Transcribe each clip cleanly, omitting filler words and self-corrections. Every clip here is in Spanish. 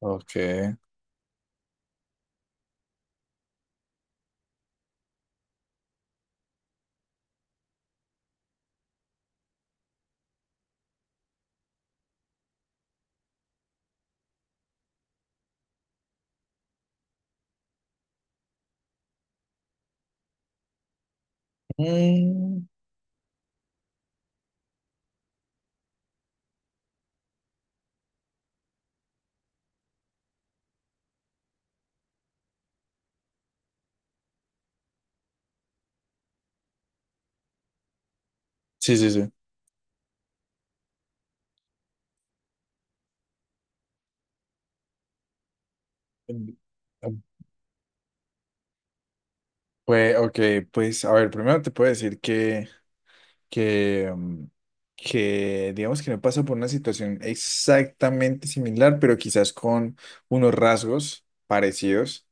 Ok. Mm, sí, sí, sí. Em, Pues, ok, pues, a ver, primero te puedo decir que, mm, que digamos que no pasa por una situación exactamente similar, pero quizás con unos rasgos parecidos.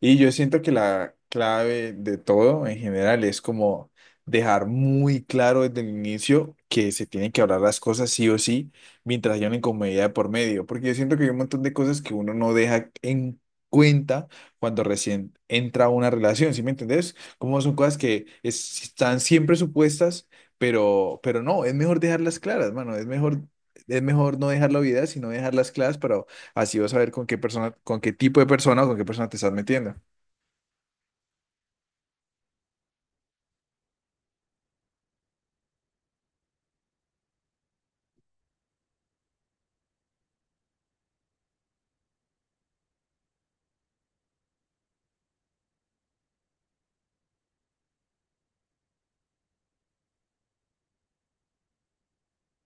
Y yo siento que la clave de todo en general es como dejar muy claro desde el inicio que se tienen que hablar las cosas sí o sí, mientras haya una incomodidad de por medio, porque yo siento que hay un montón de cosas que uno no deja en cuenta cuando recién entra a una relación, ¿sí me entendés? Como son cosas están siempre supuestas pero no, es mejor dejarlas claras, mano. Es mejor no dejar la vida, sino dejarlas claras para así vas a ver con qué persona, con qué tipo de persona o con qué persona te estás metiendo.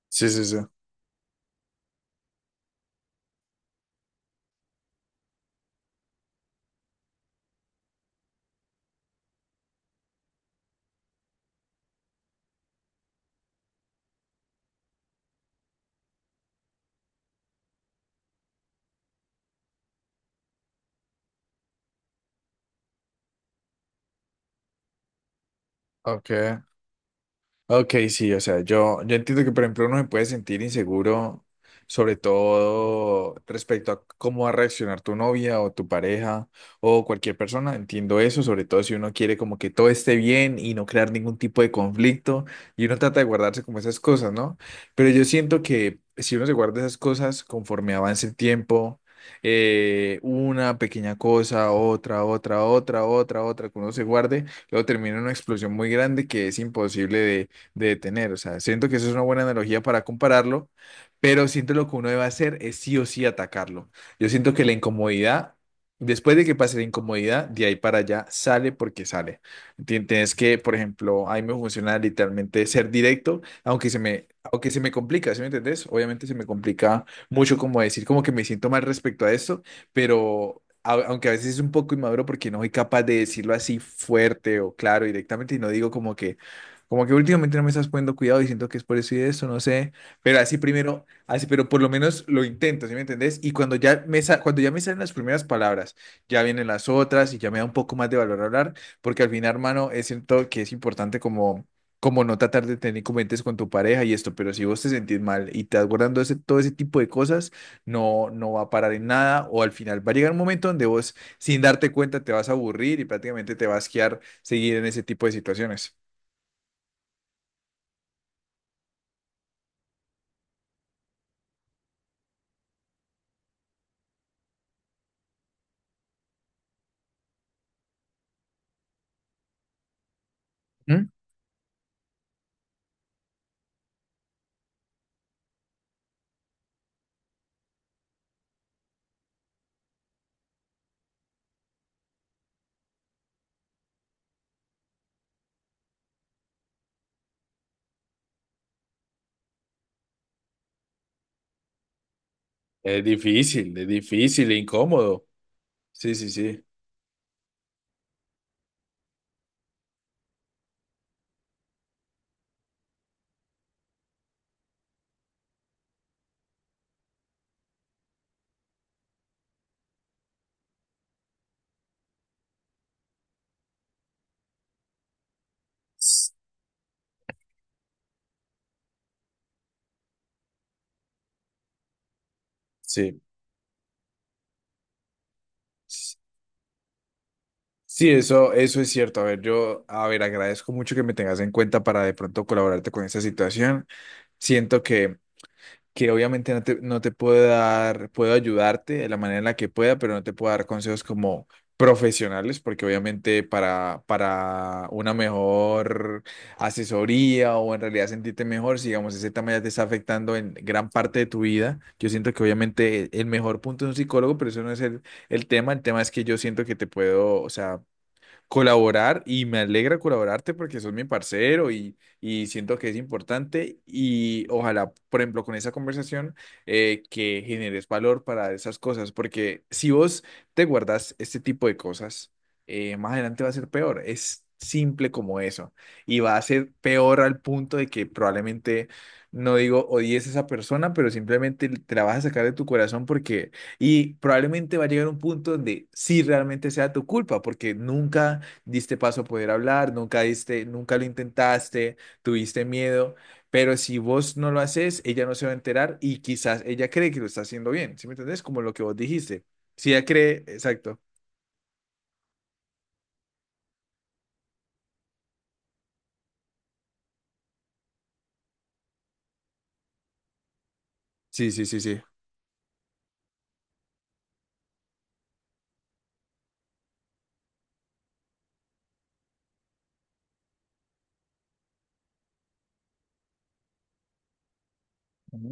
Sí, sí, sí. Ok. Ok, sí, o sea, yo entiendo que, por ejemplo, uno se puede sentir inseguro, sobre todo respecto a cómo va a reaccionar tu novia o tu pareja o cualquier persona. Entiendo eso, sobre todo si uno quiere como que todo esté bien y no crear ningún tipo de conflicto y uno trata de guardarse como esas cosas, ¿no? Pero yo siento que si uno se guarda esas cosas conforme avance el tiempo, una pequeña cosa, otra, otra, otra, otra, otra, que uno se guarde, luego termina en una explosión muy grande que es imposible de tener. O sea, siento que eso es una buena analogía para compararlo, pero siento lo que uno debe hacer es sí o sí atacarlo. Yo siento que la incomodidad, después de que pase la incomodidad, de ahí para allá sale porque sale. Tienes que, por ejemplo, a mí me funciona literalmente ser directo, aunque se me complica, ¿sí me entendés? Obviamente se me complica mucho como decir como que me siento mal respecto a esto, pero... Aunque a veces es un poco inmaduro porque no soy capaz de decirlo así fuerte o claro directamente y no digo como que últimamente no me estás poniendo cuidado y siento que es por eso y eso, no sé. Pero así primero, así, pero por lo menos lo intento, ¿sí me entendés? Y cuando ya me, cuando ya me salen las primeras palabras, ya vienen las otras y ya me da un poco más de valor hablar, porque al final, hermano, es siento que es importante como, como no tratar de tener comentes con tu pareja y esto, pero si vos te sentís mal y te estás guardando ese, todo ese tipo de cosas, no, no va a parar en nada o al final va a llegar un momento donde vos, sin darte cuenta, te vas a aburrir y prácticamente te vas a quedar seguir en ese tipo de situaciones. Es difícil e incómodo. Sí, sí, sí. S- Sí. S- Sí, eso es cierto. A ver, yo, a ver, agradezco mucho que me tengas en cuenta para de pronto colaborarte con esa situación. Siento que obviamente no te puedo dar, puedo ayudarte de la manera en la que pueda, pero no te puedo dar consejos como profesionales, porque obviamente para una mejor asesoría o en realidad sentirte mejor, si digamos ese tema ya te está afectando en gran parte de tu vida, yo siento que obviamente el mejor punto es un psicólogo, pero eso no es el tema es que yo siento que te puedo, o sea, colaborar y me alegra colaborarte porque sos mi parcero y siento que es importante y ojalá, por ejemplo, con esa conversación que generes valor para esas cosas, porque si vos te guardas este tipo de cosas, más adelante va a ser peor, es simple como eso y va a ser peor al punto de que probablemente, no digo odies a esa persona, pero simplemente te la vas a sacar de tu corazón porque... Y probablemente va a llegar un punto donde sí realmente sea tu culpa, porque nunca diste paso a poder hablar, nunca diste, nunca lo intentaste, tuviste miedo, pero si vos no lo haces, ella no se va a enterar y quizás ella cree que lo está haciendo bien, ¿sí me entendés? Como lo que vos dijiste. Si ella cree, exacto. Sí, sí, sí, sí. Ujú,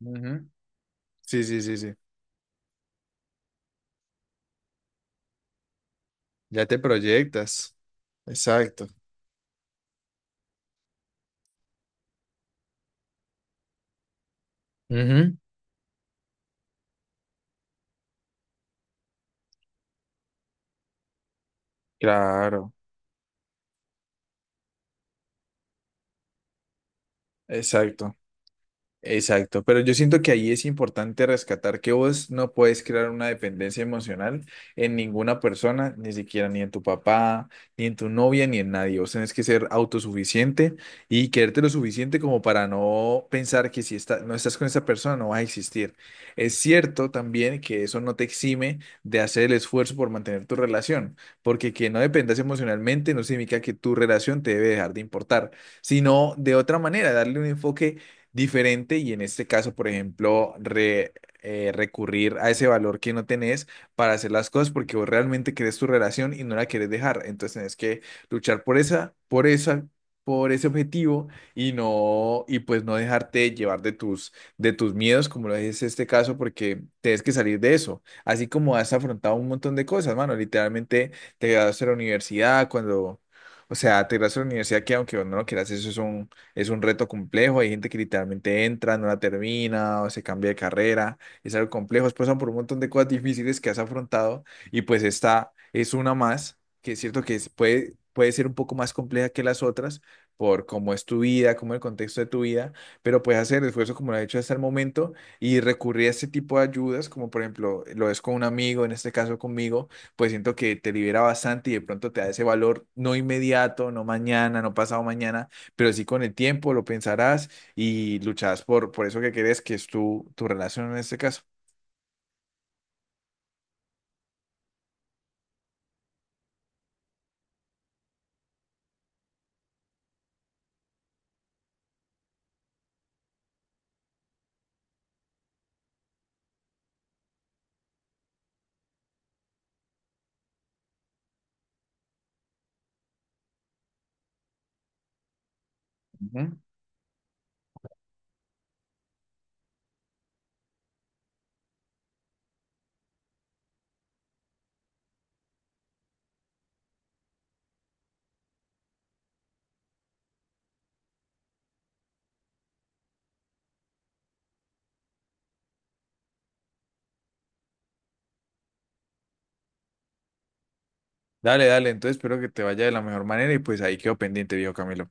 ujú. Sí, sí, sí, sí. Ya te proyectas. Exacto. Ujú. Claro, exacto. Exacto, pero yo siento que ahí es importante rescatar que vos no puedes crear una dependencia emocional en ninguna persona, ni siquiera ni en tu papá, ni en tu novia, ni en nadie. Vos tenés que ser autosuficiente y quererte lo suficiente como para no pensar que si no estás con esa persona no vas a existir. Es cierto también que eso no te exime de hacer el esfuerzo por mantener tu relación, porque que no dependas emocionalmente no significa que tu relación te debe dejar de importar, sino de otra manera, darle un enfoque diferente y en este caso, por ejemplo, recurrir a ese valor que no tenés para hacer las cosas porque vos realmente querés tu relación y no la querés dejar. Entonces tenés que luchar por ese objetivo y no, y pues no dejarte llevar de tus miedos, como lo es este caso, porque tienes que salir de eso. Así como has afrontado un montón de cosas, mano, literalmente te graduaste de la universidad cuando... O sea, te graduaste de la universidad que aunque vos no lo quieras, eso es un reto complejo. Hay gente que literalmente entra, no la termina o se cambia de carrera. Es algo complejo. Después pasan por un montón de cosas difíciles que has afrontado y pues esta es una más, que es cierto que es- puede, puede ser un poco más compleja que las otras por cómo es tu vida, cómo es el contexto de tu vida, pero puedes hacer el esfuerzo como lo has hecho hasta el momento y recurrir a este tipo de ayudas, como por ejemplo lo es con un amigo, en este caso conmigo, pues siento que te libera bastante y de pronto te da ese valor no inmediato, no mañana, no pasado mañana, pero sí con el tiempo lo pensarás y lucharás por eso que querés, que es tu relación en este caso. Ujú. Dale, dale, entonces espero que te vaya de la mejor manera y pues ahí quedo pendiente, viejo Camilo.